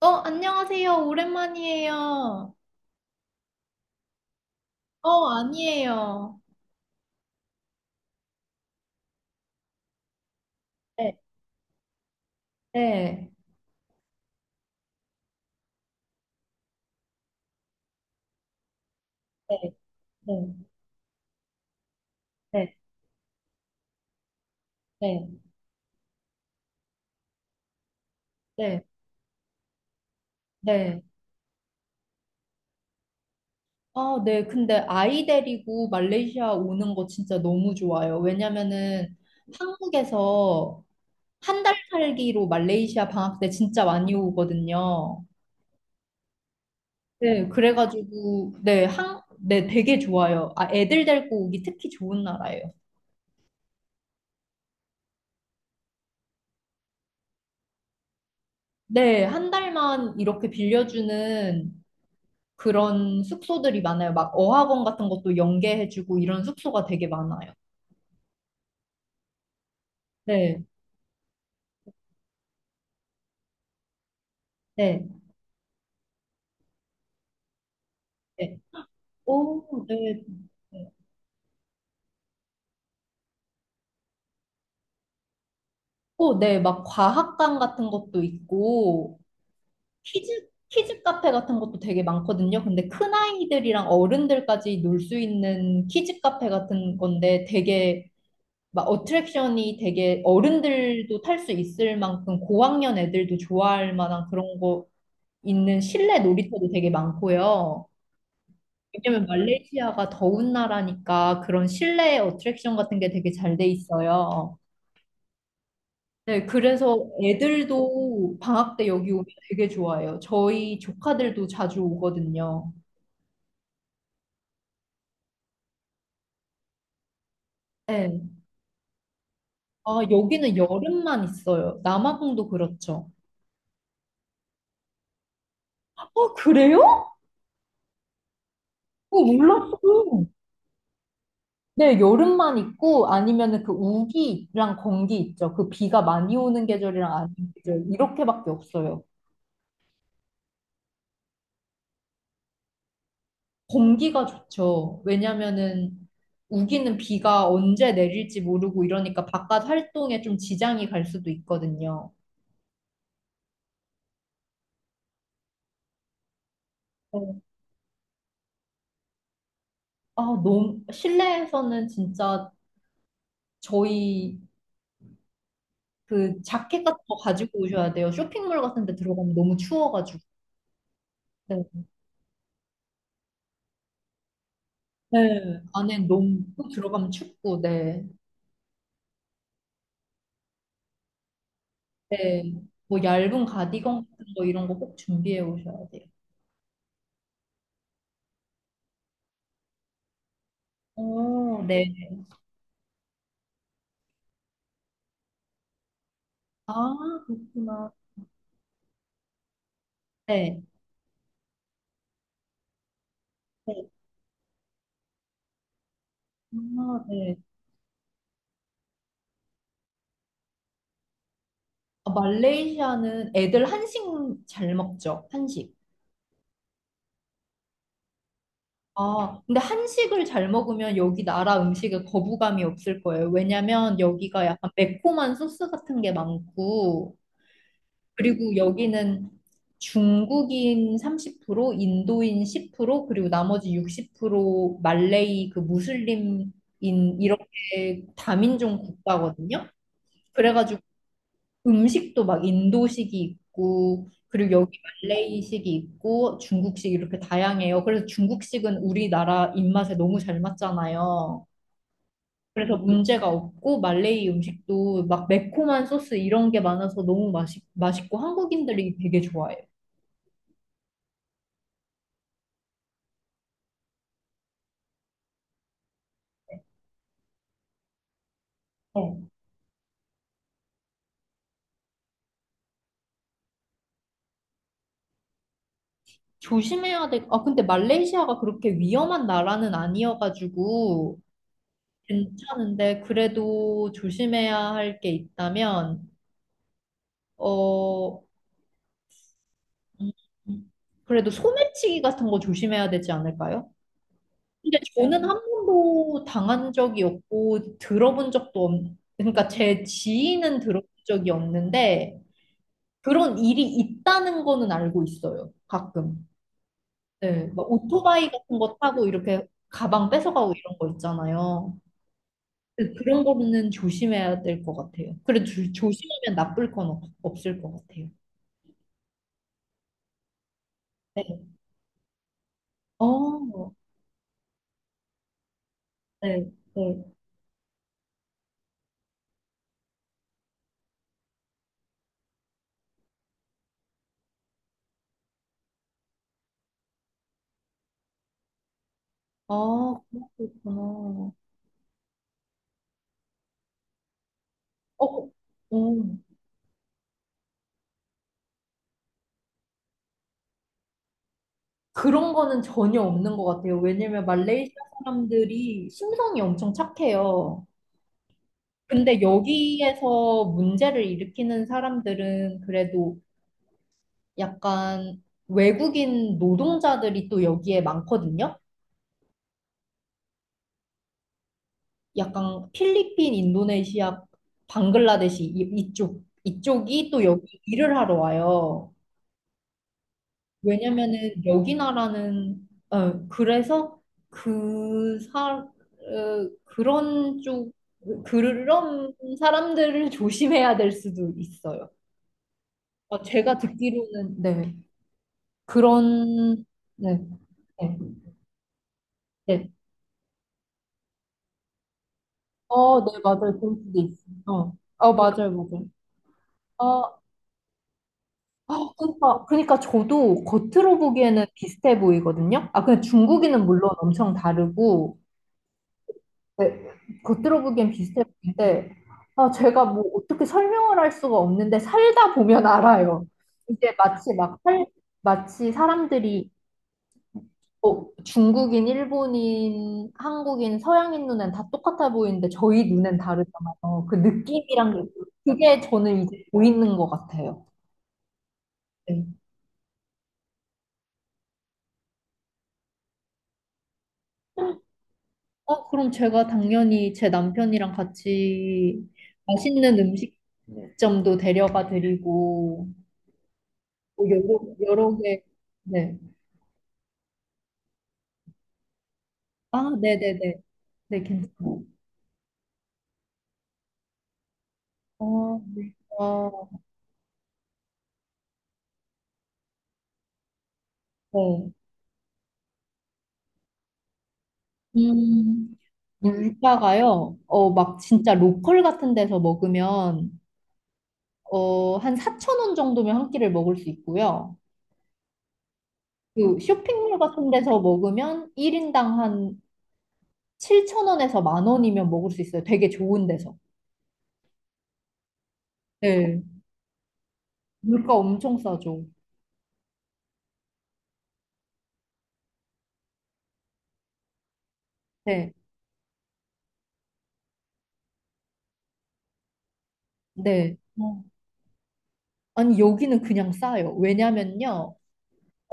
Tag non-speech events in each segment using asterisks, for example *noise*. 어, 안녕하세요. 오랜만이에요. 어, 아니에요. 네, 네, 네, 네, 네, 네, 네, 네. 아, 네. 근데 아이 데리고 말레이시아 오는 거 진짜 너무 좋아요. 왜냐면은 한국에서 한 달 살기로 말레이시아 방학 때 진짜 많이 오거든요. 네, 그래가지고, 네, 네, 되게 좋아요. 아, 애들 데리고 오기 특히 좋은 나라예요. 네, 한 달만 이렇게 빌려주는 그런 숙소들이 많아요. 막 어학원 같은 것도 연계해주고 이런 숙소가 되게 많아요. 네, 네, 네. 오, 네. 네. 오, 네. 막 과학관 같은 것도 있고, 키즈 카페 같은 것도 되게 많거든요. 근데 큰아이들이랑 어른들까지 놀 수 있는 키즈 카페 같은 건데 되게 막 어트랙션이 되게 어른들도 탈 수 있을 만큼 고학년 애들도 좋아할 만한 그런 거 있는 실내 놀이터도 되게 많고요. 왜냐면 말레이시아가 더운 나라니까 그런 실내 어트랙션 같은 게 되게 잘 돼 있어요. 네, 그래서 애들도 방학 때 여기 오면 되게 좋아해요. 저희 조카들도 자주 오거든요. 네. 아, 여기는 여름만 있어요. 남아공도 그렇죠. 어, 그래요? 어, 몰랐어. 네, 여름만 있고 아니면은 그 우기랑 건기 있죠. 그 비가 많이 오는 계절이랑 안 오는 계절 이렇게밖에 없어요. 공기가 좋죠. 왜냐면은 우기는 비가 언제 내릴지 모르고 이러니까 바깥 활동에 좀 지장이 갈 수도 있거든요. 어, 너무 실내에서는 진짜 저희 그 자켓 같은 거 가지고 오셔야 돼요. 쇼핑몰 같은 데 들어가면 너무 추워가지고. 네. 네. 안에 너무 또 들어가면 춥고, 네. 네. 뭐 얇은 가디건 같은 거 이런 거 꼭 준비해 오셔야 돼요. 오, 네. 아, 그렇구나. 네. 네. 아, 네. 아, 말레이시아는 애들 한식 잘 먹죠? 한식. 아, 근데 한식을 잘 먹으면 여기 나라 음식에 거부감이 없을 거예요. 왜냐면 여기가 약간 매콤한 소스 같은 게 많고, 그리고 여기는 중국인 30%, 인도인 10%, 그리고 나머지 60% 말레이 그 무슬림인 이렇게 다민족 국가거든요. 그래가지고 음식도 막 인도식이 있고, 그리고 여기 말레이식이 있고, 중국식 이렇게 다양해요. 그래서 중국식은 우리나라 입맛에 너무 잘 맞잖아요. 그래서 문제가 없고, 말레이 음식도 막 매콤한 소스 이런 게 많아서 너무 맛있고, 한국인들이 되게 좋아해요. 어. 조심해야 돼. 아, 근데 말레이시아가 그렇게 위험한 나라는 아니어가지고, 괜찮은데, 그래도 조심해야 할 게 있다면. 어, 음. 그래도 소매치기 같은 거 조심해야 되지 않을까요? 근데 저는 한 번도 당한 적이 없고 들어본 적도 그러니까 제 지인은 들어본 적이 없는데 그런 일이 있다는 거는 알고 있어요. 가끔. 네, 막 오토바이 같은 거 타고 이렇게 가방 뺏어가고 이런 거 있잖아요. 네, 그런 거는 조심해야 될 것 같아요. 그래도 조심하면 나쁠 건 없을 것 같아요. 네. 어, 네, 네. 아, 그렇구나. 어, 음 그런 거는 전혀 없는 것 같아요. 왜냐면 말레이시아 사람들이 심성이 엄청 착해요. 근데 여기에서 문제를 일으키는 사람들은 그래도 약간 외국인 노동자들이 또 여기에 많거든요. 약간 필리핀, 인도네시아, 방글라데시 이쪽이 또 여기 일을 하러 와요. 왜냐면은 여기 나라는 그래서 그 사, 어, 그런 쪽 그런 사람들을 *laughs* 조심해야 될 수도 있어요. 제가 듣기로는, 네. 그런 네, 네, 네. 네, 맞아요. 그런 수도 있어요. 맞아요, 맞아요. 어, 그러니까 저도 겉으로 보기에는 비슷해 보이거든요. 아, 근데 중국인은 물론 엄청 다르고. 네, 겉으로 보기엔 비슷해 보이는데, 아, 제가 뭐 어떻게 설명을 할 수가 없는데, 살다 보면 알아요. 이제 마치 마치 사람들이, 중국인, 일본인, 한국인, 서양인 눈엔 다 똑같아 보이는데, 저희 눈엔 다르잖아요. 그 느낌이란 게, 그게 저는 이제 보이는 것 같아요. 네. 그럼 제가 당연히 제 남편이랑 같이 맛있는 음식점도 데려가 드리고, 뭐 여러 개, 네. 아, 네네네. 네, 괜찮아요. 어, 어, 네. 음, 물가가요, 막 진짜 로컬 같은 데서 먹으면, 한 4천 원 정도면 한 끼를 먹을 수 있고요. 그 쇼핑몰 같은 데서 먹으면 1인당 한 7천 원에서 만 원이면 먹을 수 있어요. 되게 좋은 데서. 네. 물가 엄청 싸죠. 네. 네. 어. 아니, 여기는 그냥 싸요. 왜냐면요,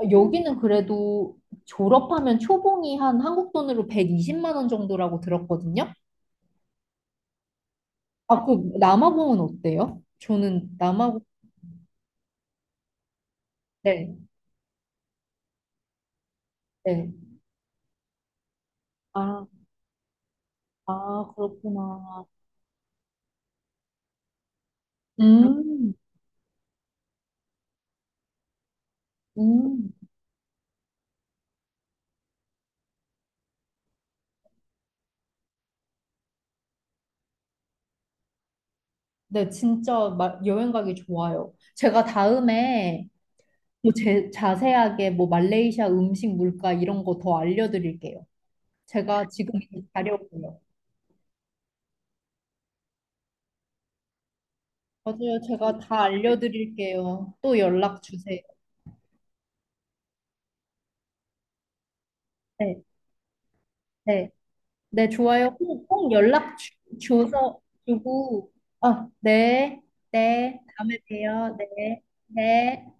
여기는 그래도 졸업하면 초봉이 한 한국 돈으로 120만 원 정도라고 들었거든요. 아, 그 남아공은 어때요? 저는 남아공, 네, 네. 아, 아, 그렇구나. 음, 음. 네, 진짜 여행 가기 좋아요. 제가 다음에 뭐 자세하게 뭐 말레이시아 음식 물가 이런 거 더 알려드릴게요. 제가 지금 이자고요. 맞아요. 제가 다 알려드릴게요. 또 연락 주세요. 네, 네. 네, 좋아요. 꼭, 꼭 연락 줘서 주고, 네, 네, 다음에 봬요. 네, 네.